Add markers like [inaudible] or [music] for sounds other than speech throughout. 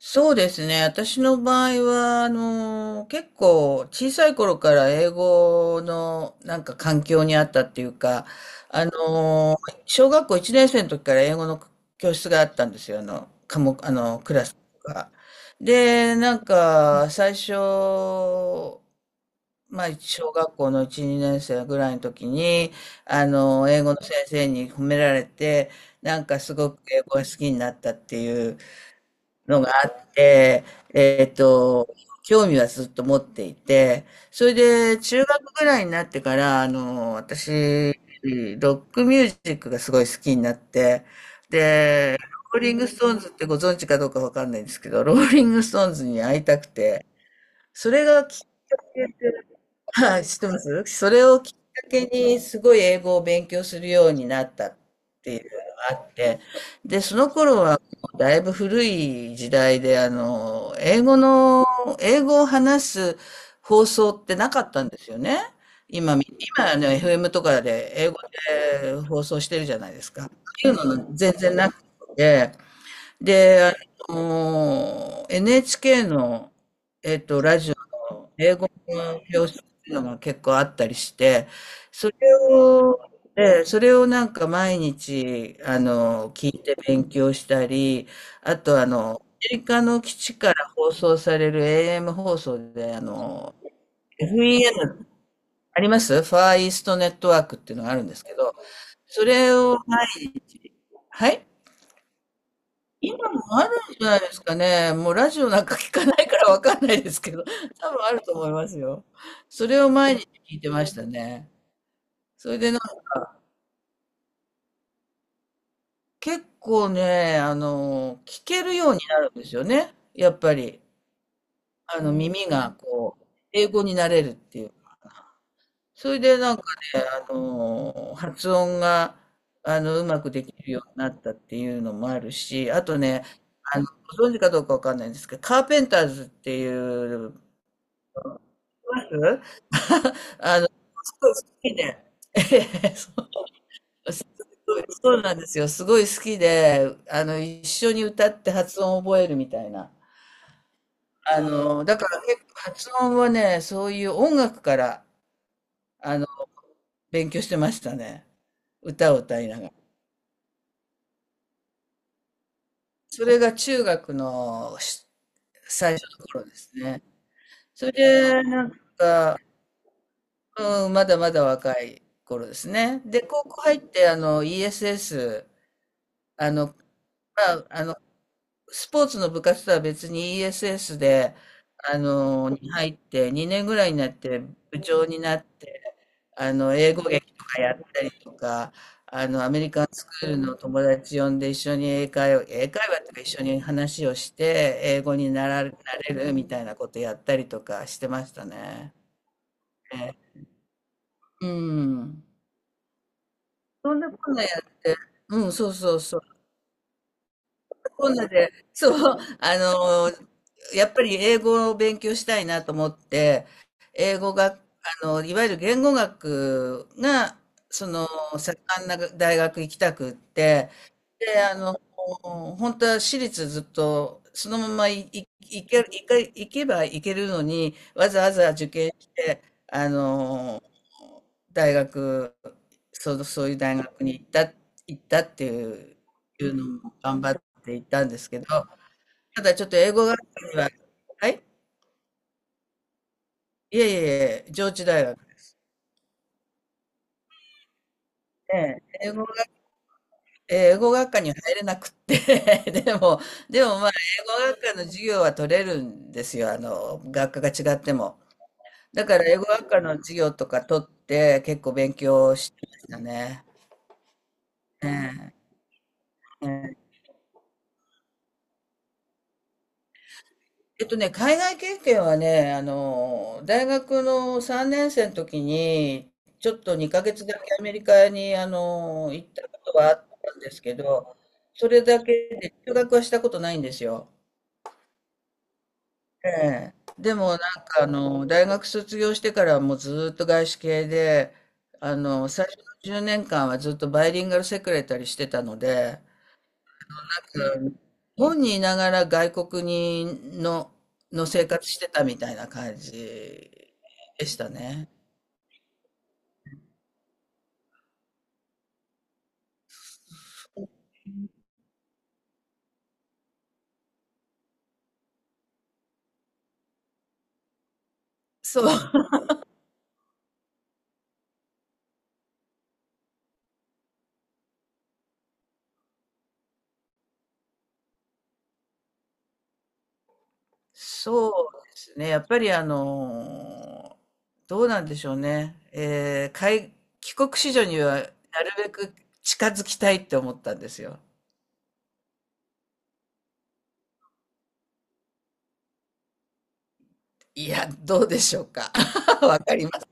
そうですね。私の場合は、結構小さい頃から英語の環境にあったっていうか、あの、小学校1年生の時から英語の教室があったんですよ。あの、科目、あの、クラスが。で、なんか、最初、まあ、小学校の1、2年生ぐらいの時に、英語の先生に褒められて、なんかすごく英語が好きになったっていうのがあって、えっと、興味はずっと持っていて、それで中学ぐらいになってから、私、ロックミュージックがすごい好きになって、ローリングストーンズってご存知かどうかわかんないんですけど、ローリングストーンズに会いたくて、それがきっはい、知ってます。それをきっかけにすごい英語を勉強するようになったっていうのがあって、で、その頃はもうだいぶ古い時代で、あの、英語を話す放送ってなかったんですよね。今み、今ね、FM とかで英語で放送してるじゃないですか。っていうの全然なくて、で、NHK の、ラジオ英語の教室っていうのが結構あったりして、それを、それをなんか毎日、聞いて勉強したり、あとメリカの基地から放送される AM 放送で、FEN ありますファーイーストネットワークっていうのがあるんですけど、それを、毎日はい今もあるんじゃないですかね。もうラジオなんか聞かないからわかんないですけど、多分あると思いますよ。それを毎日聞いてましたね。それでなんか結構ね、聞けるようになるんですよね。やっぱり、あの、耳がこう、英語になれるっていう。それでなんかね、あの、発音が、うまくできるようになったっていうのもあるし、あとね、あの、ご存知かどうかわかんないんですけど、カーペンターズっていう、あの、すごい好きで、[laughs] ええ、う、そうなんですよ。すごい好きで、一緒に歌って発音を覚えるみたいな。あの、だから結構発音はね、そういう音楽から、あの、勉強してましたね。歌を歌いながら。それが中学のし最初の頃ですね。それで、なんか、うん、まだまだ若い頃ですね。で、高校入って、ESS、あの、まあ、あの、スポーツの部活とは別に ESS で、に入って、2年ぐらいになって部長になって、英語劇とかやったりとか、アメリカンスクールの友達呼んで一緒に英会話、英会話とか一緒に話をして、英語になら、なれるみたいなことやったりとかしてましたね。ええ、うん。そんなこんなやって、うん、そうそうそう。こんなで、そう、やっぱり英語を勉強したいなと思って、英語が、いわゆる言語学が、その、盛んな大学行きたくって、で、本当は私立ずっと、そのままい、い、いけ、いけ、行けば行けるのに、わざわざ受験して、あの、大学、そういう大学に行ったっていういうのも頑張って行ったんですけど、ただちょっと英語学科にははい？いえいえいえ、上智大学でええ、英語学科には入れなくって、[laughs] でも、でもまあ、英語学科の授業は取れるんですよ、あの、学科が違っても。だから英語学科の授業とか取って、結構勉強してましたね。ええ、ええ。えっとね、海外経験はね、大学の3年生の時に、ちょっと2ヶ月だけアメリカに、行ったことはあったんですけど、それだけで留学はしたことないんですよ。ええ。でもなんか大学卒業してからはもうずーっと外資系で、最初の10年間はずっとバイリンガルセクレタリーしてたので、うん、本にいながら外国にの生活してたみたいな感じでしたね。そう。そうですね。やっぱりあの、どうなんでしょうね。帰国子女にはなるべく近づきたいって思ったんですよ。いや、どうでしょうか。[laughs] わかります。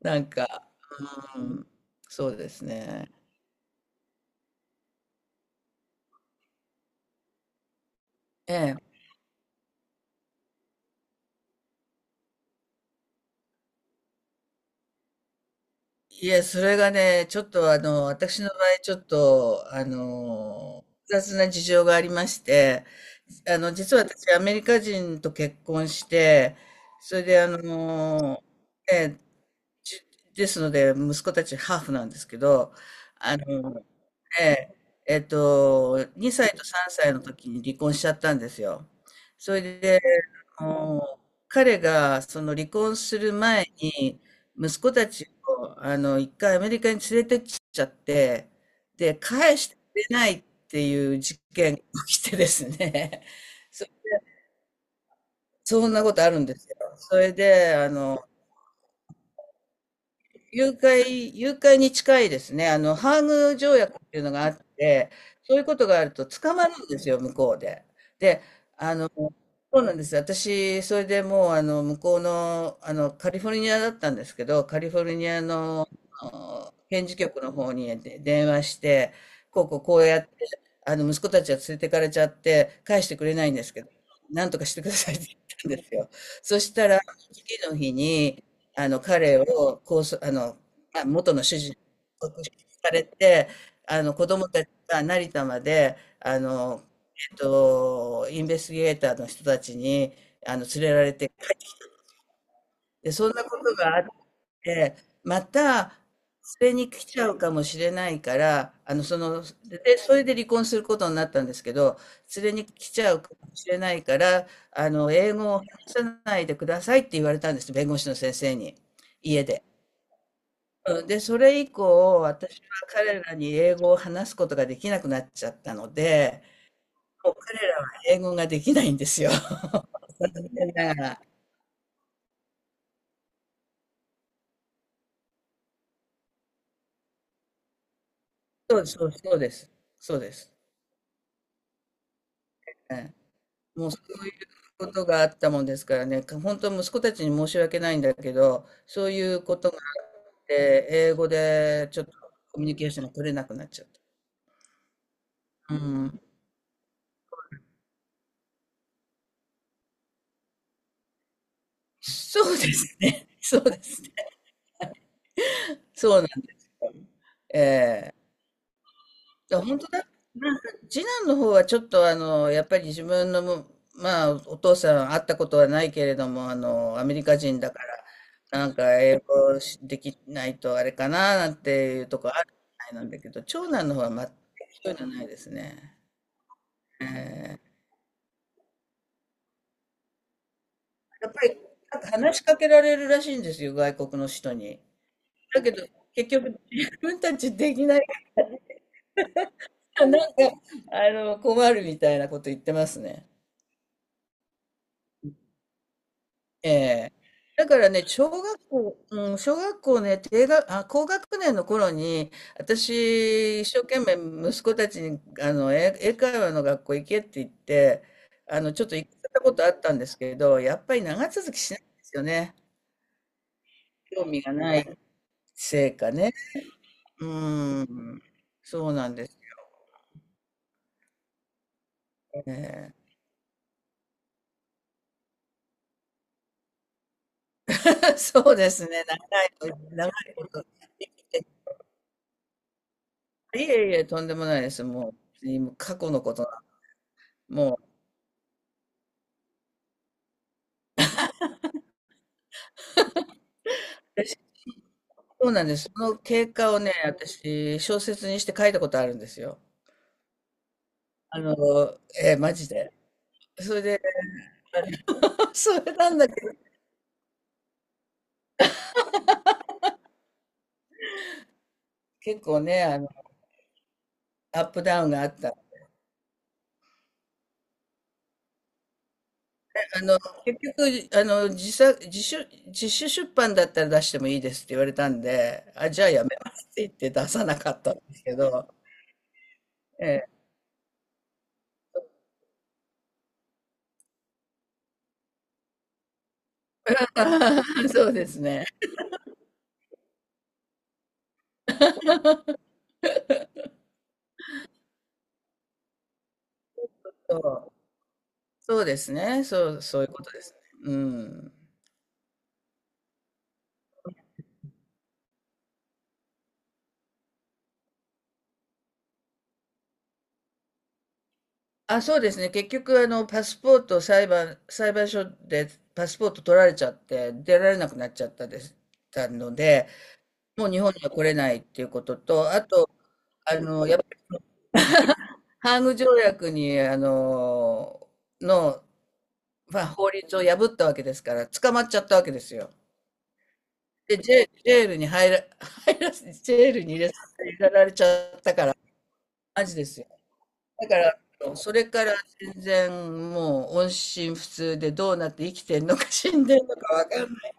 なんか、うん、そうですね。ええ、いや、それがね、ちょっとあの、私の場合、ちょっと、複雑な事情がありまして、実は私、アメリカ人と結婚して、それで、えちですので、息子たちハーフなんですけど、あの、ええ、2歳と3歳の時に離婚しちゃったんですよ。それで、あの、彼がその離婚する前に、息子たちを、一回アメリカに連れてっちゃって、で、返してくれないっていう事件が起きてですね、[laughs] そ、そんなことあるんですよ。それで、誘拐に近いですね。あの、ハーグ条約っていうのがあって、そういうことがあると捕まるんですよ、向こうで。で、あの、そうなんです。私、それでもう、あの、向こうの、あの、カリフォルニアだったんですけど、カリフォルニアの、あの検事局の方にで電話して、こうこうこうやって、息子たちは連れてかれちゃって、返してくれないんですけど、なんとかしてくださいって言ったんですよ。そしたら、次の日に、あの、彼をこうそあの、まあ、元の主人に拘束されて、子供たちが成田まで、インベスティゲーターの人たちに、連れられて、で、そんなことがあって、また、連れに来ちゃうかもしれないから、で、それで離婚することになったんですけど、連れに来ちゃうかもしれないから、英語を話さないでくださいって言われたんです、弁護士の先生に、家で。うん、で、それ以降、私は彼らに英語を話すことができなくなっちゃったので、もう彼らは英語ができないんですよ。[laughs] 残念ながら。そうです。そうです。ええ、もうそういうことがあったもんですからね、本当息子たちに申し訳ないんだけど、そういうことがあって、英語でちょっとコミュニケーションが取れなくなっちゃった。うん。そうですね。[laughs] そうですね。そうなんですよ。ええ、本当だ。なんか、次男の方はちょっとあの、やっぱり自分のも、まあ、お父さん会ったことはないけれども、アメリカ人だから、なんか英語しできないとあれかな、なんていうとこあるみたいなんだけど、長男の方は全くそうじゃないですね。ええ、やっぱり、なんか話しかけられるらしいんですよ、外国の人に。だけど、結局、自分たちできないから、困るみたいなこと言ってますね。ええ。だからね、小学校ね、低学あ、高学年の頃に、私、一生懸命息子たちに、英会話の学校行けって言って、ちょっと行ったことあったんですけど、やっぱり長続きしないんですよね。興味がないせいかね。うーん。そうなんですね。[laughs] そうですね、長長いこと。いえいえ、とんでもないです。もう、過去のことなもう。そうなんです。その経過をね、私、小説にして書いたことあるんですよ。あの、えー、マジで。それで、[laughs] れなんだけど、結構ね、アップダウンがあった。あの、結局、自主出版だったら出してもいいですって言われたんで、あ、じゃあやめますって言って出さなかったんですけど、ええ [laughs]。そうですね。そう。そうですね。そう、そういうことですね。うん。あ、そうですね。結局、あの、パスポートを裁判、裁判所でパスポート取られちゃって、出られなくなっちゃったです、たので、もう日本には来れないっていうことと、あと、あの、やっぱり [laughs] ハーグ条約に、の、まあ、法律を破ったわけですから、捕まっちゃったわけですよ。で、ジェールに入れさせられちゃったから、マジですよ。だから、それから全然もう音信不通でどうなって生きてんのか死んでんのかわかんない。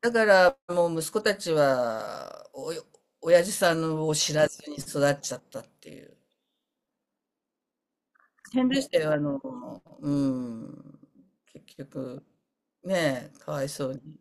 だからもう息子たちはお親父さんを知らずに育っちゃったっていう。大変でしたよ、あの、うん。結局、ねえ、かわいそうに。